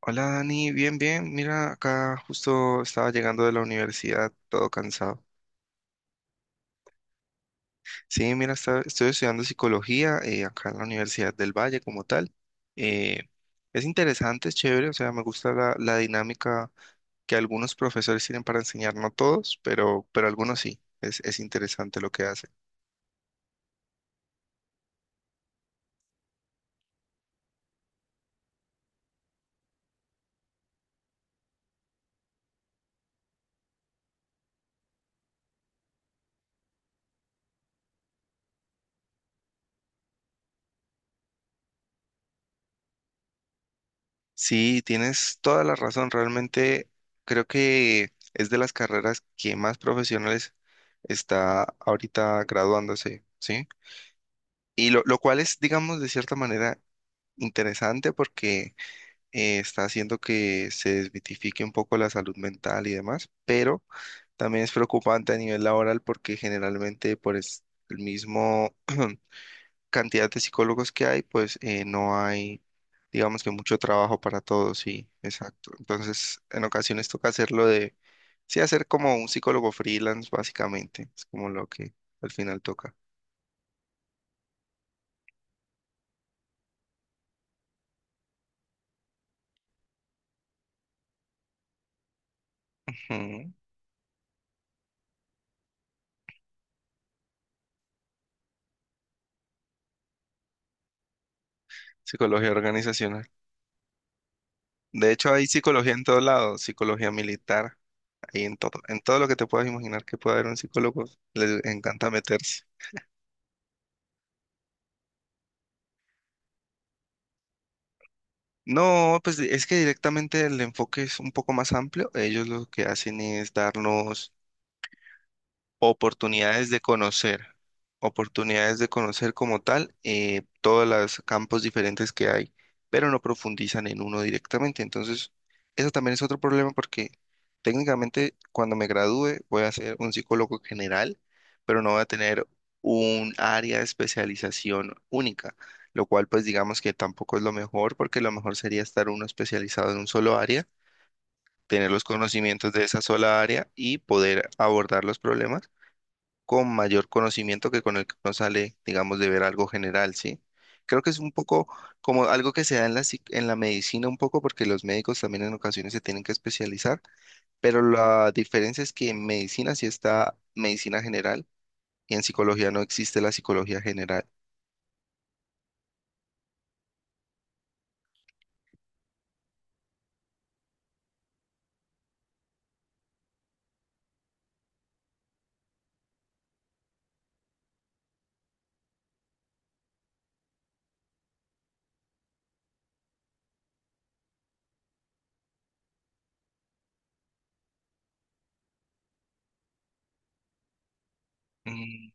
Hola Dani, bien, bien. Mira, acá justo estaba llegando de la universidad, todo cansado. Sí, mira, estoy estudiando psicología, acá en la Universidad del Valle como tal. Eh, es interesante, es chévere, o sea, me gusta la dinámica que algunos profesores tienen para enseñar, no todos, pero, algunos sí, es interesante lo que hacen. Sí, tienes toda la razón, realmente creo que es de las carreras que más profesionales está ahorita graduándose, ¿sí? Y lo cual es, digamos, de cierta manera interesante porque está haciendo que se desmitifique un poco la salud mental y demás, pero también es preocupante a nivel laboral porque generalmente el mismo cantidad de psicólogos que hay, pues no hay, digamos, que mucho trabajo para todos, sí, exacto. Entonces, en ocasiones toca sí, hacer como un psicólogo freelance, básicamente, es como lo que al final toca. Ujú. Psicología organizacional. De hecho, hay psicología en todos lados, psicología militar, ahí en todo lo que te puedas imaginar que pueda haber un psicólogo, les encanta meterse. No, pues es que directamente el enfoque es un poco más amplio. Ellos lo que hacen es darnos oportunidades de conocer, oportunidades de conocer como tal, todos los campos diferentes que hay, pero no profundizan en uno directamente. Entonces, eso también es otro problema porque técnicamente cuando me gradúe voy a ser un psicólogo general, pero no voy a tener un área de especialización única, lo cual, pues, digamos que tampoco es lo mejor porque lo mejor sería estar uno especializado en un solo área, tener los conocimientos de esa sola área y poder abordar los problemas con mayor conocimiento que con el que uno sale, digamos, de ver algo general, ¿sí? Creo que es un poco como algo que se da en en la medicina un poco, porque los médicos también en ocasiones se tienen que especializar, pero la diferencia es que en medicina sí está medicina general y en psicología no existe la psicología general. Mm.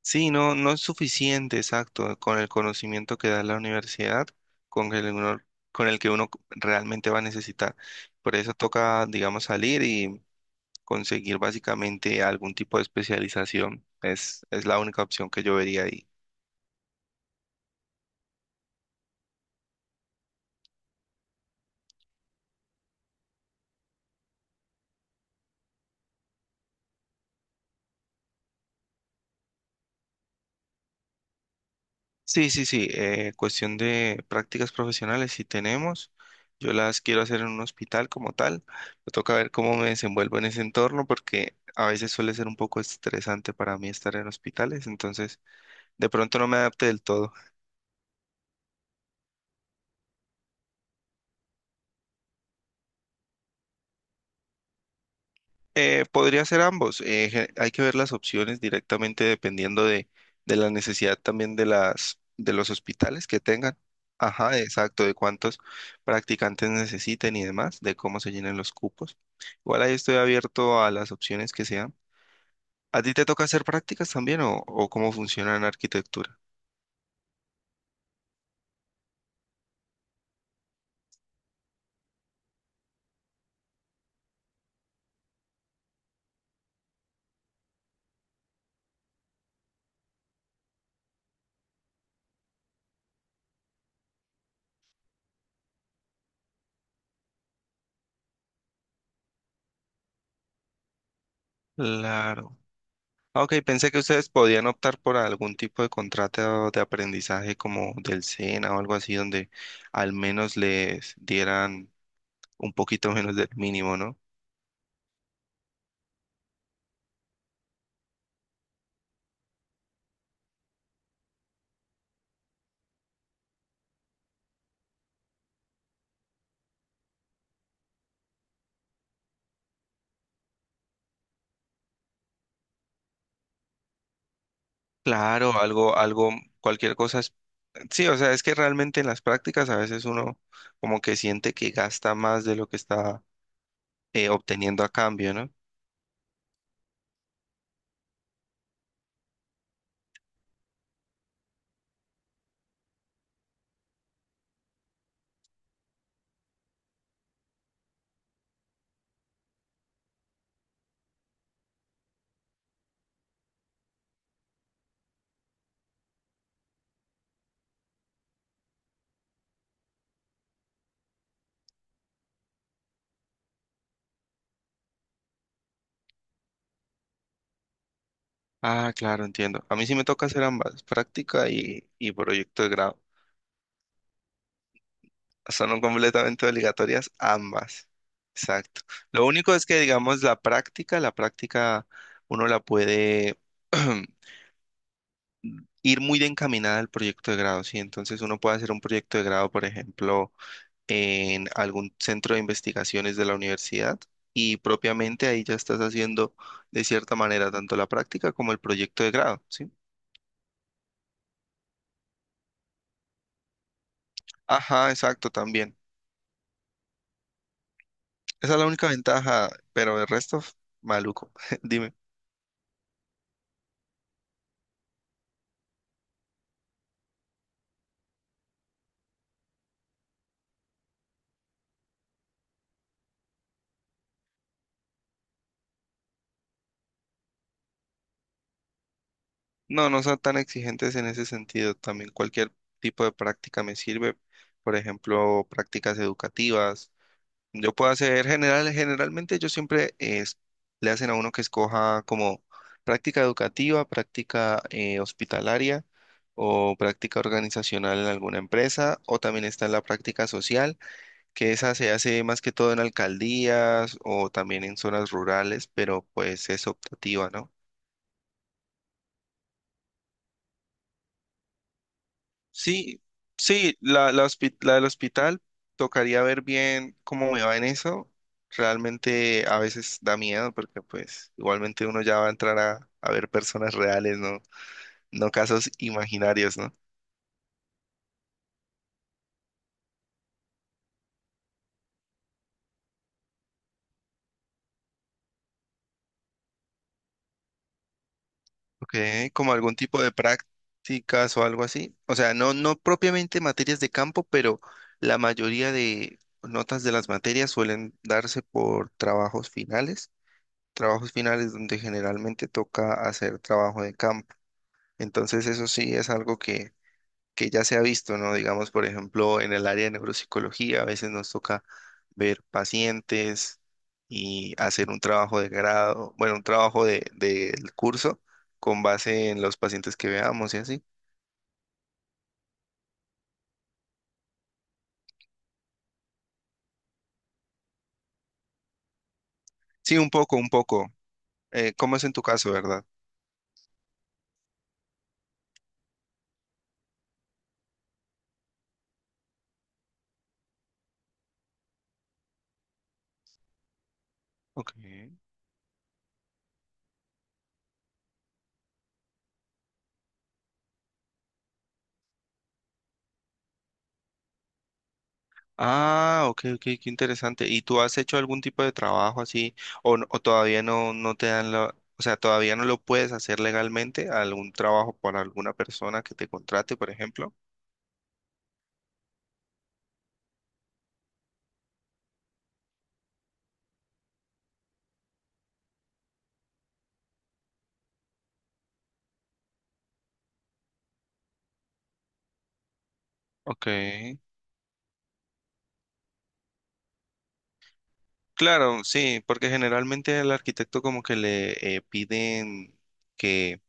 Sí, no, no es suficiente, exacto, con el conocimiento que da la universidad, con el, uno- con el que uno realmente va a necesitar. Por eso toca, digamos, salir, conseguir básicamente algún tipo de especialización. Es la única opción que yo vería ahí. Sí, sí, sí. Cuestión de prácticas profesionales, si tenemos. Yo las quiero hacer en un hospital como tal. Me toca ver cómo me desenvuelvo en ese entorno porque a veces suele ser un poco estresante para mí estar en hospitales. Entonces, de pronto no me adapte del todo. Podría ser ambos. Hay que ver las opciones directamente dependiendo de la necesidad también de de los hospitales que tengan. Ajá, exacto, de cuántos practicantes necesiten y demás, de cómo se llenen los cupos. Igual ahí estoy abierto a las opciones que sean. ¿A ti te toca hacer prácticas también o cómo funciona en arquitectura? Claro. Ah, ok, pensé que ustedes podían optar por algún tipo de contrato de aprendizaje como del SENA o algo así, donde al menos les dieran un poquito menos del mínimo, ¿no? Claro, algo, algo, cualquier cosa es... Sí, o sea, es que realmente en las prácticas a veces uno como que siente que gasta más de lo que está obteniendo a cambio, ¿no? Ah, claro, entiendo. A mí sí me toca hacer ambas, práctica y proyecto de grado. Son completamente obligatorias ambas. Exacto. Lo único es que, digamos, la práctica uno la puede ir muy de encaminada al proyecto de grado, ¿sí? Entonces uno puede hacer un proyecto de grado, por ejemplo, en algún centro de investigaciones de la universidad y propiamente ahí ya estás haciendo de cierta manera tanto la práctica como el proyecto de grado, ¿sí? Ajá, exacto, también. Esa es la única ventaja, pero el resto, maluco, dime. No, no son tan exigentes en ese sentido. También cualquier tipo de práctica me sirve. Por ejemplo, prácticas educativas. Yo puedo hacer general, generalmente yo siempre es, le hacen a uno que escoja como práctica educativa, práctica hospitalaria o práctica organizacional en alguna empresa, o también está la práctica social, que esa se hace más que todo en alcaldías o también en zonas rurales, pero pues es optativa, ¿no? Sí, sí, la del hospital, tocaría ver bien cómo me va en eso. Realmente a veces da miedo porque pues igualmente uno ya va a entrar a ver personas reales, ¿no? No casos imaginarios, ¿no? Ok, como algún tipo de prácticas o algo así. O sea, no, no propiamente materias de campo, pero la mayoría de notas de las materias suelen darse por trabajos finales donde generalmente toca hacer trabajo de campo. Entonces, eso sí es algo que ya se ha visto, ¿no? Digamos, por ejemplo, en el área de neuropsicología, a veces nos toca ver pacientes y hacer un trabajo de grado, bueno, un trabajo del curso con base en los pacientes que veamos y así. Sí, un poco, un poco. ¿Cómo es en tu caso, verdad? Ok. Ah, ok, ok, qué interesante. ¿Y tú has hecho algún tipo de trabajo así o todavía no, no te dan la, o sea, todavía no lo puedes hacer legalmente, algún trabajo para alguna persona que te contrate, por ejemplo? Ok. Claro, sí, porque generalmente al arquitecto como que le piden que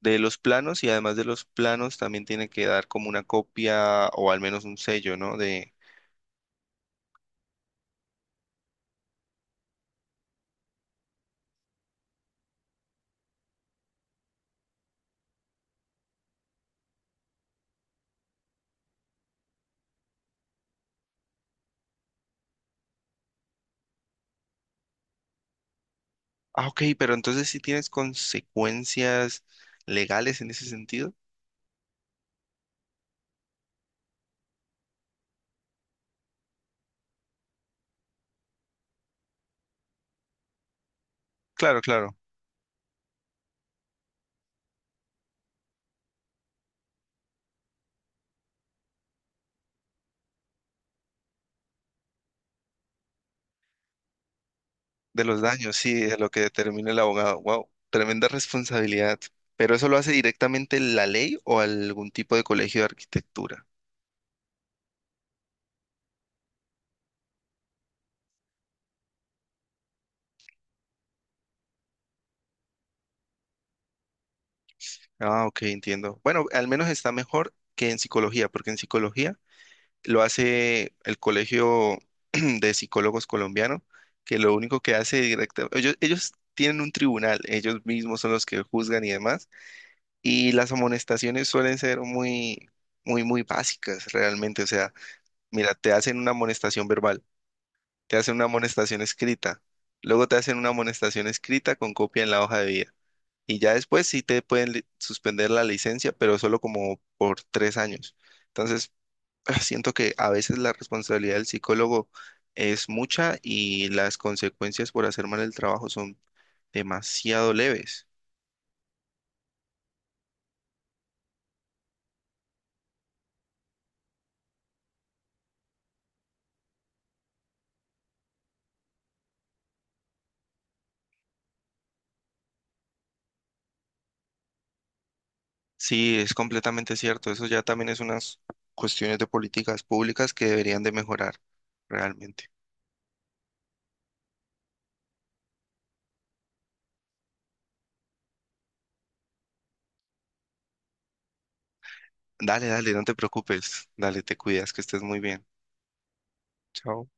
de los planos y además de los planos también tiene que dar como una copia o al menos un sello, ¿no? De, ah, ok, pero entonces sí tienes consecuencias legales en ese sentido. Claro, claro. De los daños, sí, de lo que determina el abogado. Wow, tremenda responsabilidad. ¿Pero eso lo hace directamente la ley o algún tipo de colegio de arquitectura? Ah, ok, entiendo. Bueno, al menos está mejor que en psicología, porque en psicología lo hace el Colegio de Psicólogos Colombiano, que lo único que hace directamente, ellos tienen un tribunal, ellos mismos son los que juzgan y demás, y las amonestaciones suelen ser muy, muy, muy básicas realmente. O sea, mira, te hacen una amonestación verbal, te hacen una amonestación escrita. Luego te hacen una amonestación escrita con copia en la hoja de vida. Y ya después sí te pueden suspender la licencia, pero solo como por 3 años. Entonces, ah, siento que a veces la responsabilidad del psicólogo es mucha y las consecuencias por hacer mal el trabajo son demasiado leves. Sí, es completamente cierto. Eso ya también es unas cuestiones de políticas públicas que deberían de mejorar realmente. Dale, dale, no te preocupes. Dale, te cuidas, que estés muy bien. Chao.